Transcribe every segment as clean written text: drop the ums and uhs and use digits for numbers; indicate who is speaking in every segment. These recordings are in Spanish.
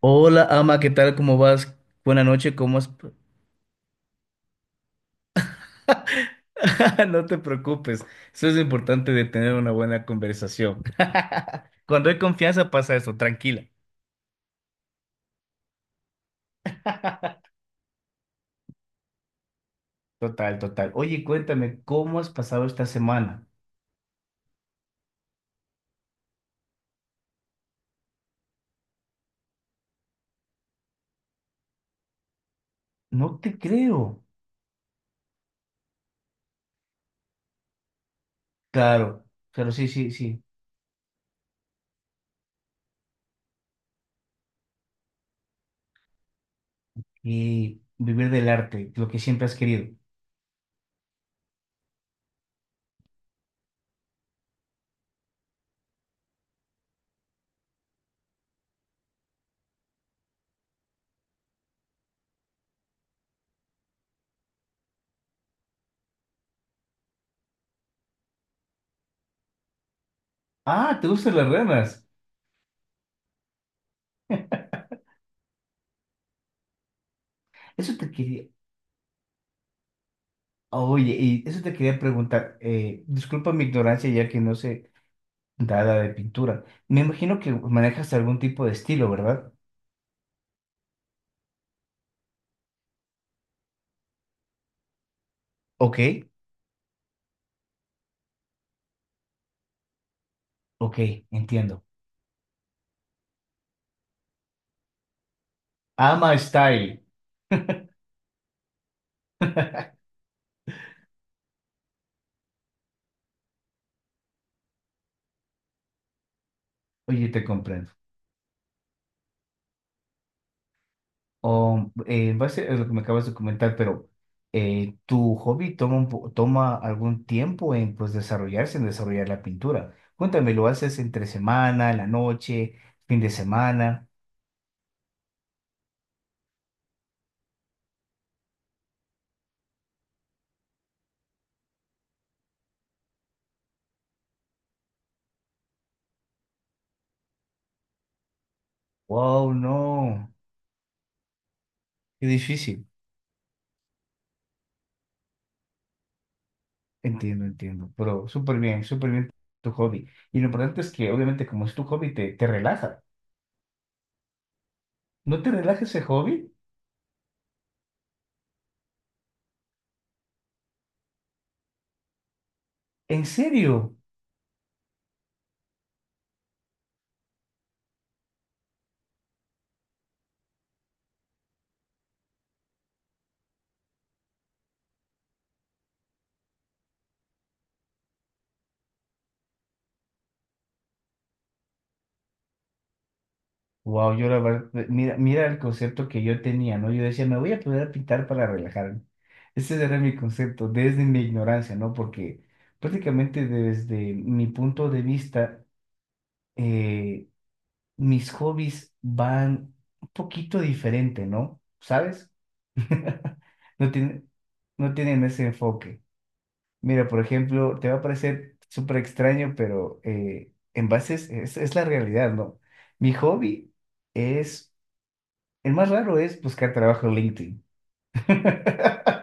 Speaker 1: Hola, ama, ¿qué tal? ¿Cómo vas? Buena noche, ¿cómo has... No te preocupes, eso es lo importante de tener una buena conversación. Cuando hay confianza pasa eso, tranquila. Total, total. Oye, cuéntame, ¿cómo has pasado esta semana? No te creo. Claro, claro, sí, sí, sí. Y vivir del arte, lo que siempre has querido. Ah, ¿te gustan las ranas? Eso te quería... Oye, y eso te quería preguntar. Disculpa mi ignorancia, ya que no sé dada de pintura. Me imagino que manejas algún tipo de estilo, ¿verdad? Ok, ok, entiendo. Ama Style. Oye, te comprendo. En base a lo que me acabas de comentar, pero tu hobby toma, toma algún tiempo en, pues, desarrollarse, en desarrollar la pintura. Cuéntame, ¿lo haces entre semana, en la noche, fin de semana? Wow, no, qué difícil. Entiendo, entiendo, pero súper bien tu hobby. Y lo importante es que obviamente como es tu hobby, te relaja. ¿No te relaja ese hobby? ¿En serio? Wow, yo la verdad, mira, mira el concepto que yo tenía, ¿no? Yo decía, me voy a poder a pintar para relajarme. Ese era mi concepto, desde mi ignorancia, ¿no? Porque prácticamente desde mi punto de vista, eh, mis hobbies van un poquito diferente, ¿no? ¿Sabes? No tiene, no tienen ese enfoque. Mira, por ejemplo, te va a parecer súper extraño, pero en bases es la realidad, ¿no? Mi hobby es, el más raro es buscar trabajo en LinkedIn.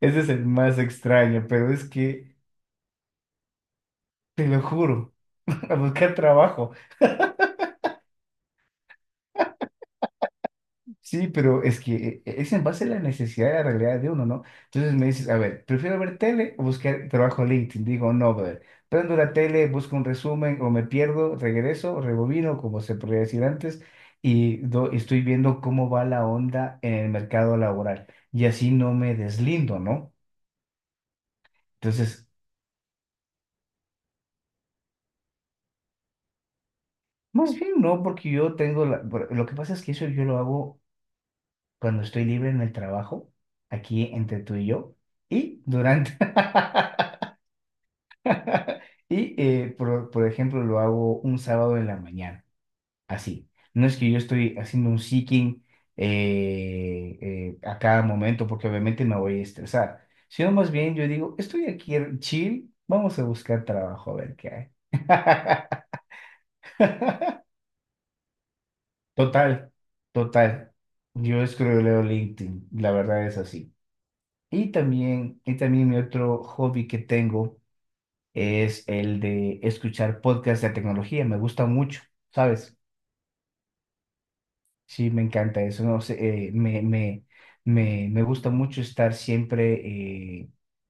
Speaker 1: Ese es el más extraño, pero es que, te lo juro, a buscar trabajo. Sí, pero es que es en base a la necesidad de la realidad de uno, ¿no? Entonces me dices, a ver, prefiero ver tele o buscar trabajo en LinkedIn. Digo, no, brother. Prendo la tele, busco un resumen o me pierdo, regreso, rebobino, como se podría decir antes, y estoy viendo cómo va la onda en el mercado laboral. Y así no me deslindo, ¿no? Entonces, más bien no, porque yo tengo la... Lo que pasa es que eso yo lo hago cuando estoy libre en el trabajo, aquí entre tú y yo, y durante... Y, por ejemplo, lo hago un sábado en la mañana, así. No es que yo estoy haciendo un seeking a cada momento, porque obviamente me voy a estresar, sino más bien yo digo, estoy aquí chill, vamos a buscar trabajo a ver qué hay. Total, total. Yo escroleo LinkedIn, la verdad es así. Y también mi otro hobby que tengo es el de escuchar podcasts de tecnología, me gusta mucho, ¿sabes? Sí, me encanta eso, no sé, me gusta mucho estar siempre eh,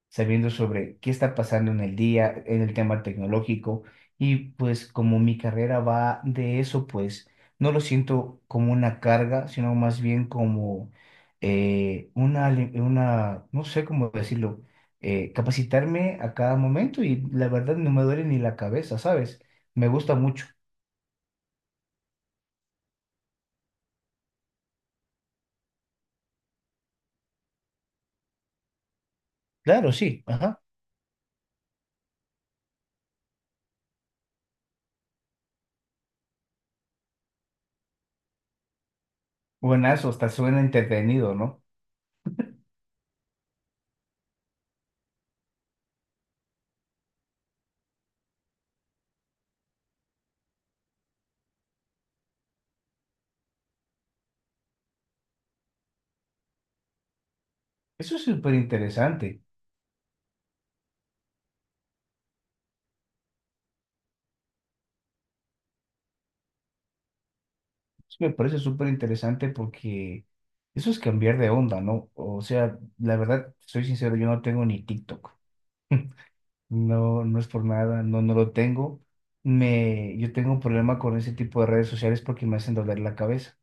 Speaker 1: sabiendo sobre qué está pasando en el día, en el tema tecnológico, y pues como mi carrera va de eso, pues no lo siento como una carga, sino más bien como no sé cómo decirlo, capacitarme a cada momento y la verdad no me duele ni la cabeza, ¿sabes? Me gusta mucho. Claro, sí, ajá. Buenazo, hasta suena entretenido, ¿no? Eso es súper interesante. Eso me parece súper interesante porque eso es cambiar de onda, ¿no? O sea, la verdad, soy sincero, yo no tengo ni TikTok. No, no es por nada, no, no lo tengo. Me, yo tengo un problema con ese tipo de redes sociales porque me hacen doler la cabeza.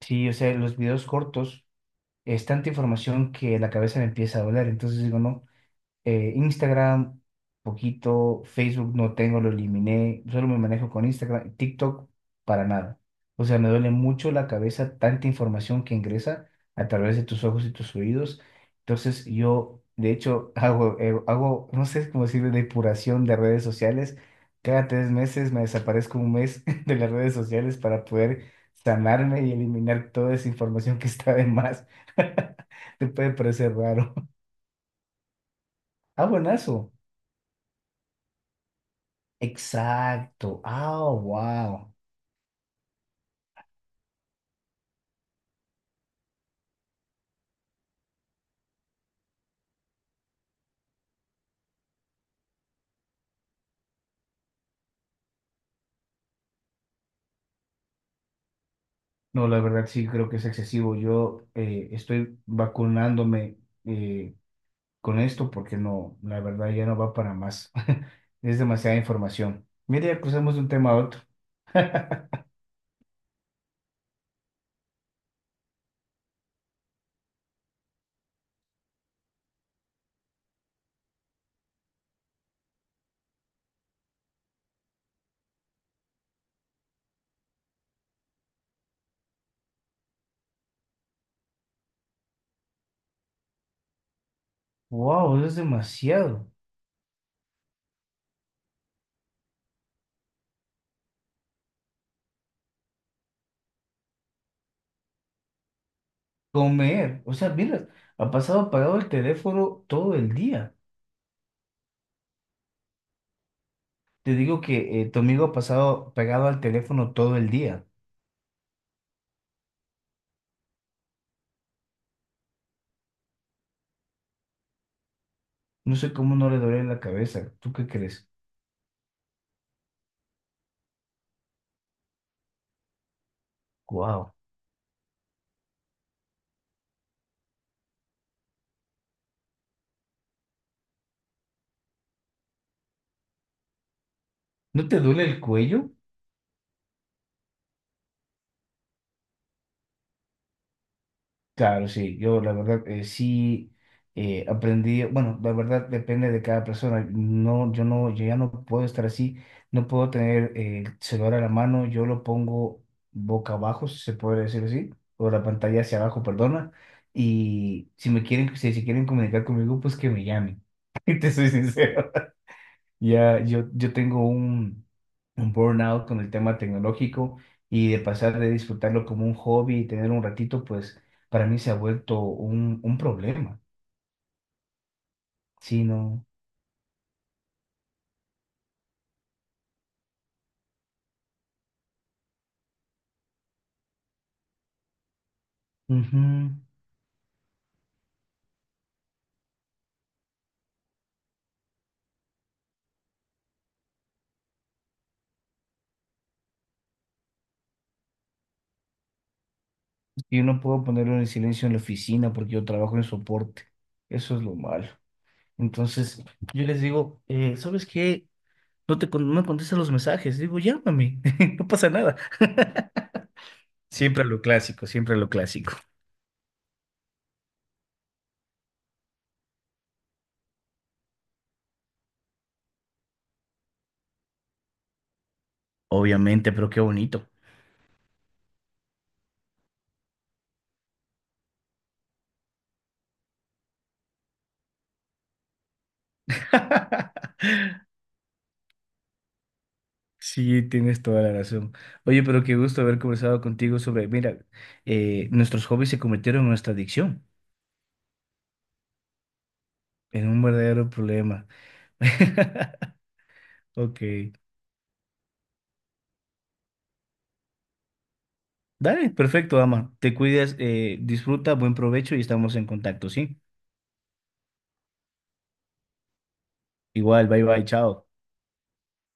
Speaker 1: Sí, o sea, los videos cortos es tanta información que la cabeza me empieza a doler. Entonces digo, no. Instagram, poquito, Facebook no tengo, lo eliminé, solo me manejo con Instagram, TikTok para nada. O sea, me duele mucho la cabeza tanta información que ingresa a través de tus ojos y tus oídos. Entonces yo, de hecho, hago, no sé cómo decirle, depuración de redes sociales. Cada tres meses me desaparezco un mes de las redes sociales para poder sanarme y eliminar toda esa información que está de más. Te puede parecer raro. Ah, buenazo. Exacto. Ah, wow. No, la verdad sí creo que es excesivo. Yo estoy vacunándome eh, con esto porque no, la verdad ya no va para más. Es demasiada información. Mira, ya cruzamos de un tema a otro. Wow, eso es demasiado. Comer. O sea, mira, ha pasado apagado el teléfono todo el día. Te digo que tu amigo ha pasado pegado al teléfono todo el día. No sé cómo no le duele la cabeza. ¿Tú qué crees? Wow. ¿No te duele el cuello? Claro, sí, yo la verdad sí aprendí, bueno, la verdad depende de cada persona, no, yo ya no puedo estar así, no puedo tener el celular a la mano, yo lo pongo boca abajo, si se puede decir así, o la pantalla hacia abajo, perdona, y si me quieren, si se quieren comunicar conmigo, pues que me llamen, te soy sincero. Ya, yo tengo un burnout con el tema tecnológico y de pasar de disfrutarlo como un hobby y tener un ratito, pues para mí se ha vuelto un problema. Sí, no. Ujú. Yo no puedo ponerlo en silencio en la oficina porque yo trabajo en soporte. Eso es lo malo. Entonces, yo les digo, ¿sabes qué? No me contestas los mensajes. Digo, llámame, no pasa nada. Siempre lo clásico, siempre lo clásico. Obviamente, pero qué bonito. Sí, tienes toda la razón. Oye, pero qué gusto haber conversado contigo sobre, mira, nuestros hobbies se convirtieron en nuestra adicción, en un verdadero problema. Ok. Dale, perfecto, ama. Te cuidas, disfruta, buen provecho y estamos en contacto, ¿sí? Igual, bye bye, chao.